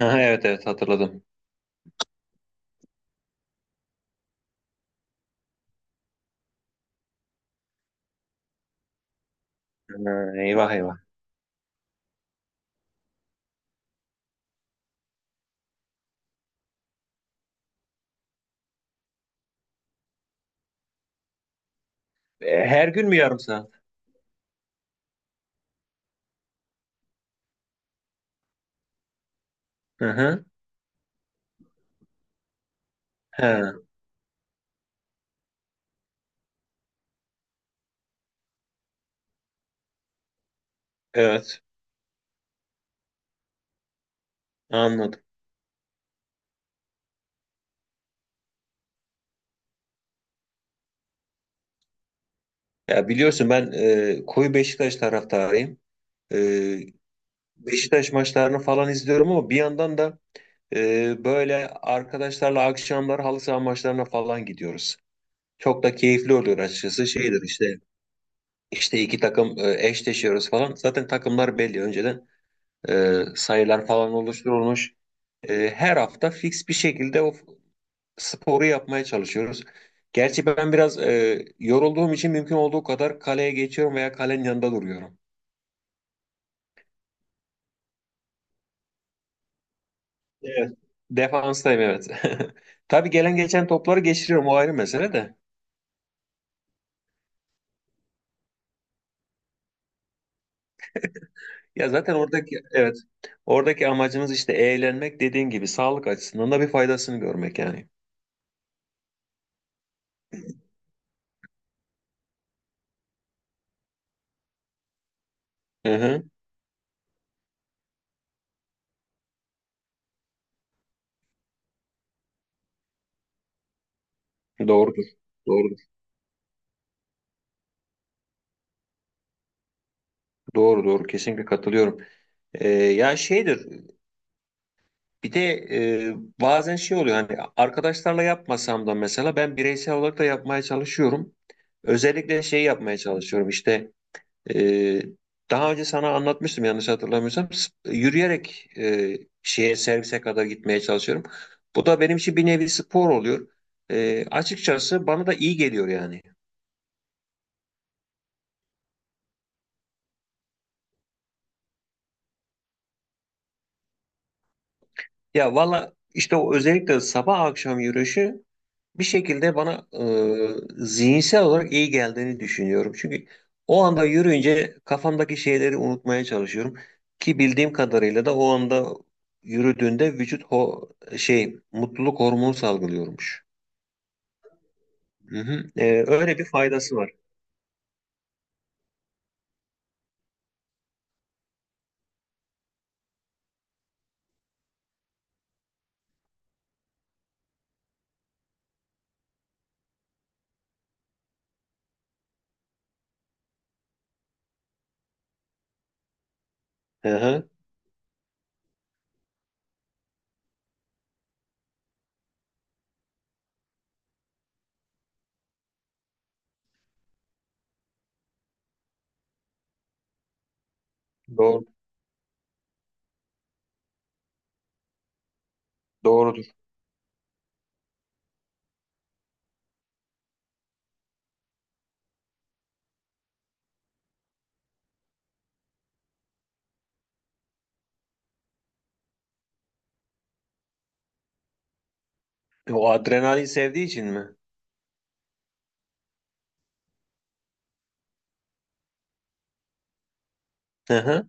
Aha, evet evet hatırladım. Ha, eyvah eyvah. Her gün mü yarım saat? Hı hı. Ha, evet anladım. Ya biliyorsun ben koyu Beşiktaş taraftarıyım. E, Beşiktaş maçlarını falan izliyorum ama bir yandan da böyle arkadaşlarla akşamlar halı saha maçlarına falan gidiyoruz. Çok da keyifli oluyor açıkçası. Şeydir işte işte iki takım eşleşiyoruz falan. Zaten takımlar belli önceden sayılar falan oluşturulmuş. Her hafta fix bir şekilde o sporu yapmaya çalışıyoruz. Gerçi ben biraz yorulduğum için mümkün olduğu kadar kaleye geçiyorum veya kalenin yanında duruyorum. Evet. Defanstayım, evet. Tabii gelen geçen topları geçiriyorum, o ayrı mesele de. Ya zaten oradaki, evet, oradaki amacımız işte eğlenmek, dediğin gibi sağlık açısından da bir faydasını görmek yani. Hı hı, doğrudur. Doğrudur. Doğru doğru, kesinlikle katılıyorum. Ya şeydir. Bir de e, bazen şey oluyor, hani arkadaşlarla yapmasam da mesela ben bireysel olarak da yapmaya çalışıyorum. Özellikle şey yapmaya çalışıyorum işte, e, daha önce sana anlatmıştım yanlış hatırlamıyorsam yürüyerek şeye, servise kadar gitmeye çalışıyorum. Bu da benim için bir nevi spor oluyor. Açıkçası bana da iyi geliyor yani. Ya valla işte o özellikle sabah akşam yürüyüşü bir şekilde bana zihinsel olarak iyi geldiğini düşünüyorum. Çünkü o anda yürüyünce kafamdaki şeyleri unutmaya çalışıyorum, ki bildiğim kadarıyla da o anda yürüdüğünde vücut şey mutluluk hormonu salgılıyormuş. Hı hı. E, öyle bir faydası var. Hı hı. Doğru, doğrudur. E, O adrenalin sevdiği için mi? Hı hı.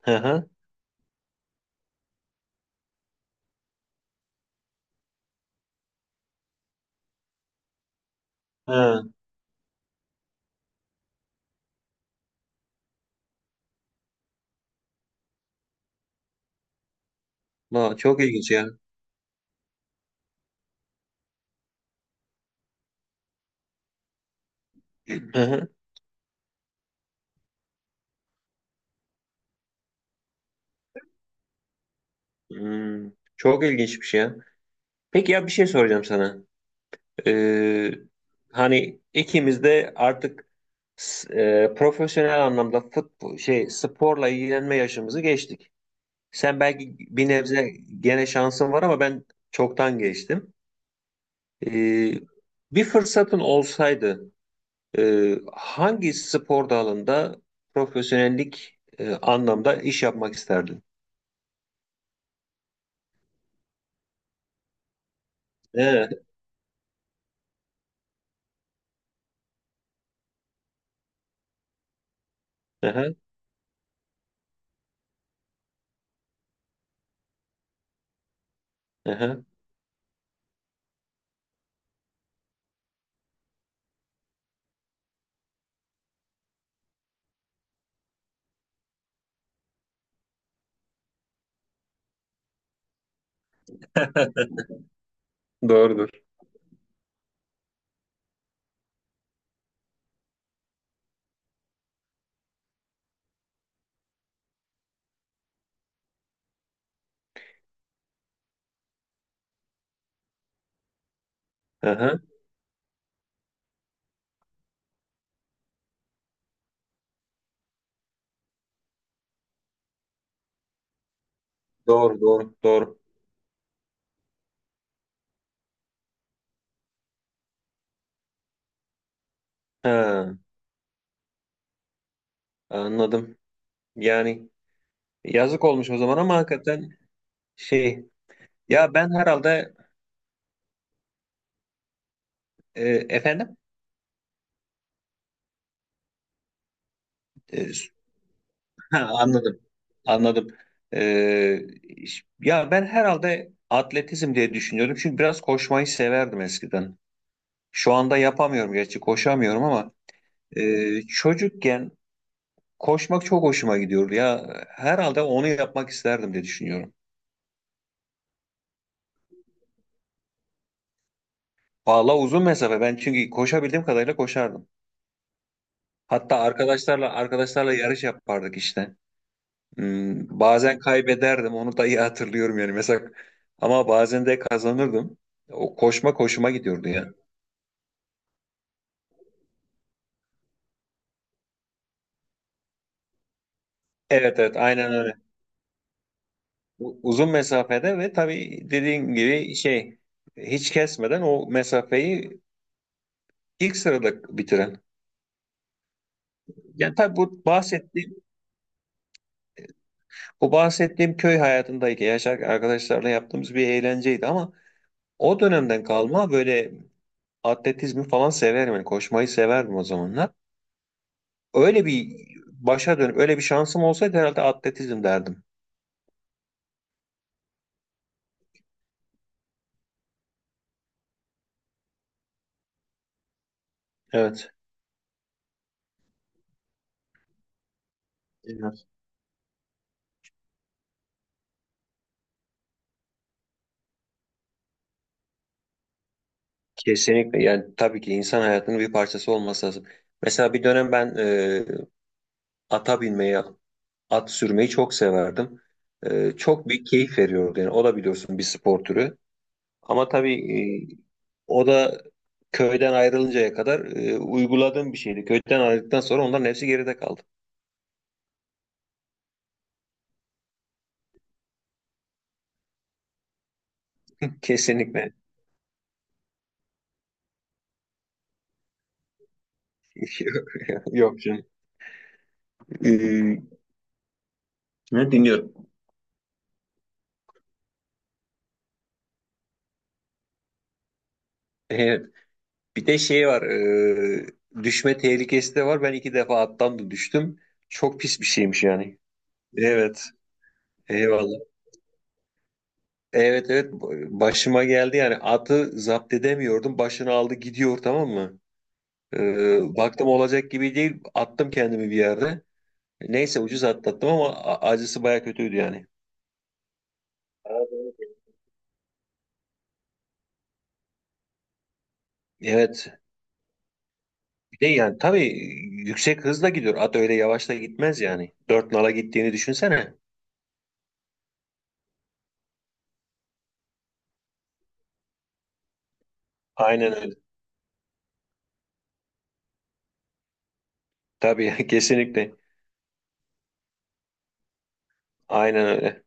Hı hı. Hı. Aa, çok ilginç ya. Hı hı. Hmm, çok ilginçmiş ya. Peki ya bir şey soracağım sana. Ee, Hani ikimiz de artık profesyonel anlamda futbol şey sporla ilgilenme yaşımızı geçtik. Sen belki bir nebze gene şansın var ama ben çoktan geçtim. Ee, bir fırsatın olsaydı hangi spor dalında profesyonellik anlamda iş yapmak isterdin? Evet. Aha, aha. Doğrudur. Aha. Doğru, doğru, doğru. Ha, anladım. Yani. Yazık olmuş o zaman ama hakikaten şey, ya ben herhalde e, efendim. E, s- ha, anladım, anladım. E, Ya ben herhalde atletizm diye düşünüyordum çünkü biraz koşmayı severdim eskiden, şu anda yapamıyorum gerçi, koşamıyorum ama çocukken koşmak çok hoşuma gidiyordu ya, herhalde onu yapmak isterdim diye düşünüyorum. Valla uzun mesafe ben, çünkü koşabildiğim kadarıyla koşardım. Hatta arkadaşlarla yarış yapardık işte. Hmm, bazen kaybederdim, onu da iyi hatırlıyorum yani mesela, ama bazen de kazanırdım. O koşma koşuma gidiyordu ya. Evet evet, aynen öyle. Uzun mesafede ve tabii dediğin gibi şey, hiç kesmeden o mesafeyi ilk sırada bitiren. Yani tabii bu bahsettiğim köy hayatındaki yaşar arkadaşlarla yaptığımız bir eğlenceydi ama o dönemden kalma böyle atletizmi falan severim yani, koşmayı severdim o zamanlar. Öyle bir başa dönüp öyle bir şansım olsaydı herhalde atletizm derdim. Evet. Evet. Kesinlikle, yani tabii ki insan hayatının bir parçası olması lazım. Mesela bir dönem ben ata binmeyi, at sürmeyi çok severdim. E, çok bir keyif veriyordu yani, o da biliyorsun bir spor türü. Ama tabii e, o da köyden ayrılıncaya kadar uyguladığım bir şeydi. Köyden ayrıldıktan sonra onların hepsi geride kaldı. Kesinlikle. Yok canım. E, Ne dinliyorum? Evet. Bir de şey var, düşme tehlikesi de var. Ben iki defa attan da düştüm. Çok pis bir şeymiş yani. Evet, eyvallah. Evet evet, başıma geldi yani, atı zapt edemiyordum. Başını aldı gidiyor, tamam mı? E, baktım olacak gibi değil. Attım kendimi bir yerde. Neyse ucuz atlattım ama acısı baya kötüydü yani. Evet. Bir de yani tabii yüksek hızla gidiyor. At öyle yavaş da gitmez yani. Dört nala gittiğini düşünsene. Aynen öyle. Tabii kesinlikle. Aynen öyle.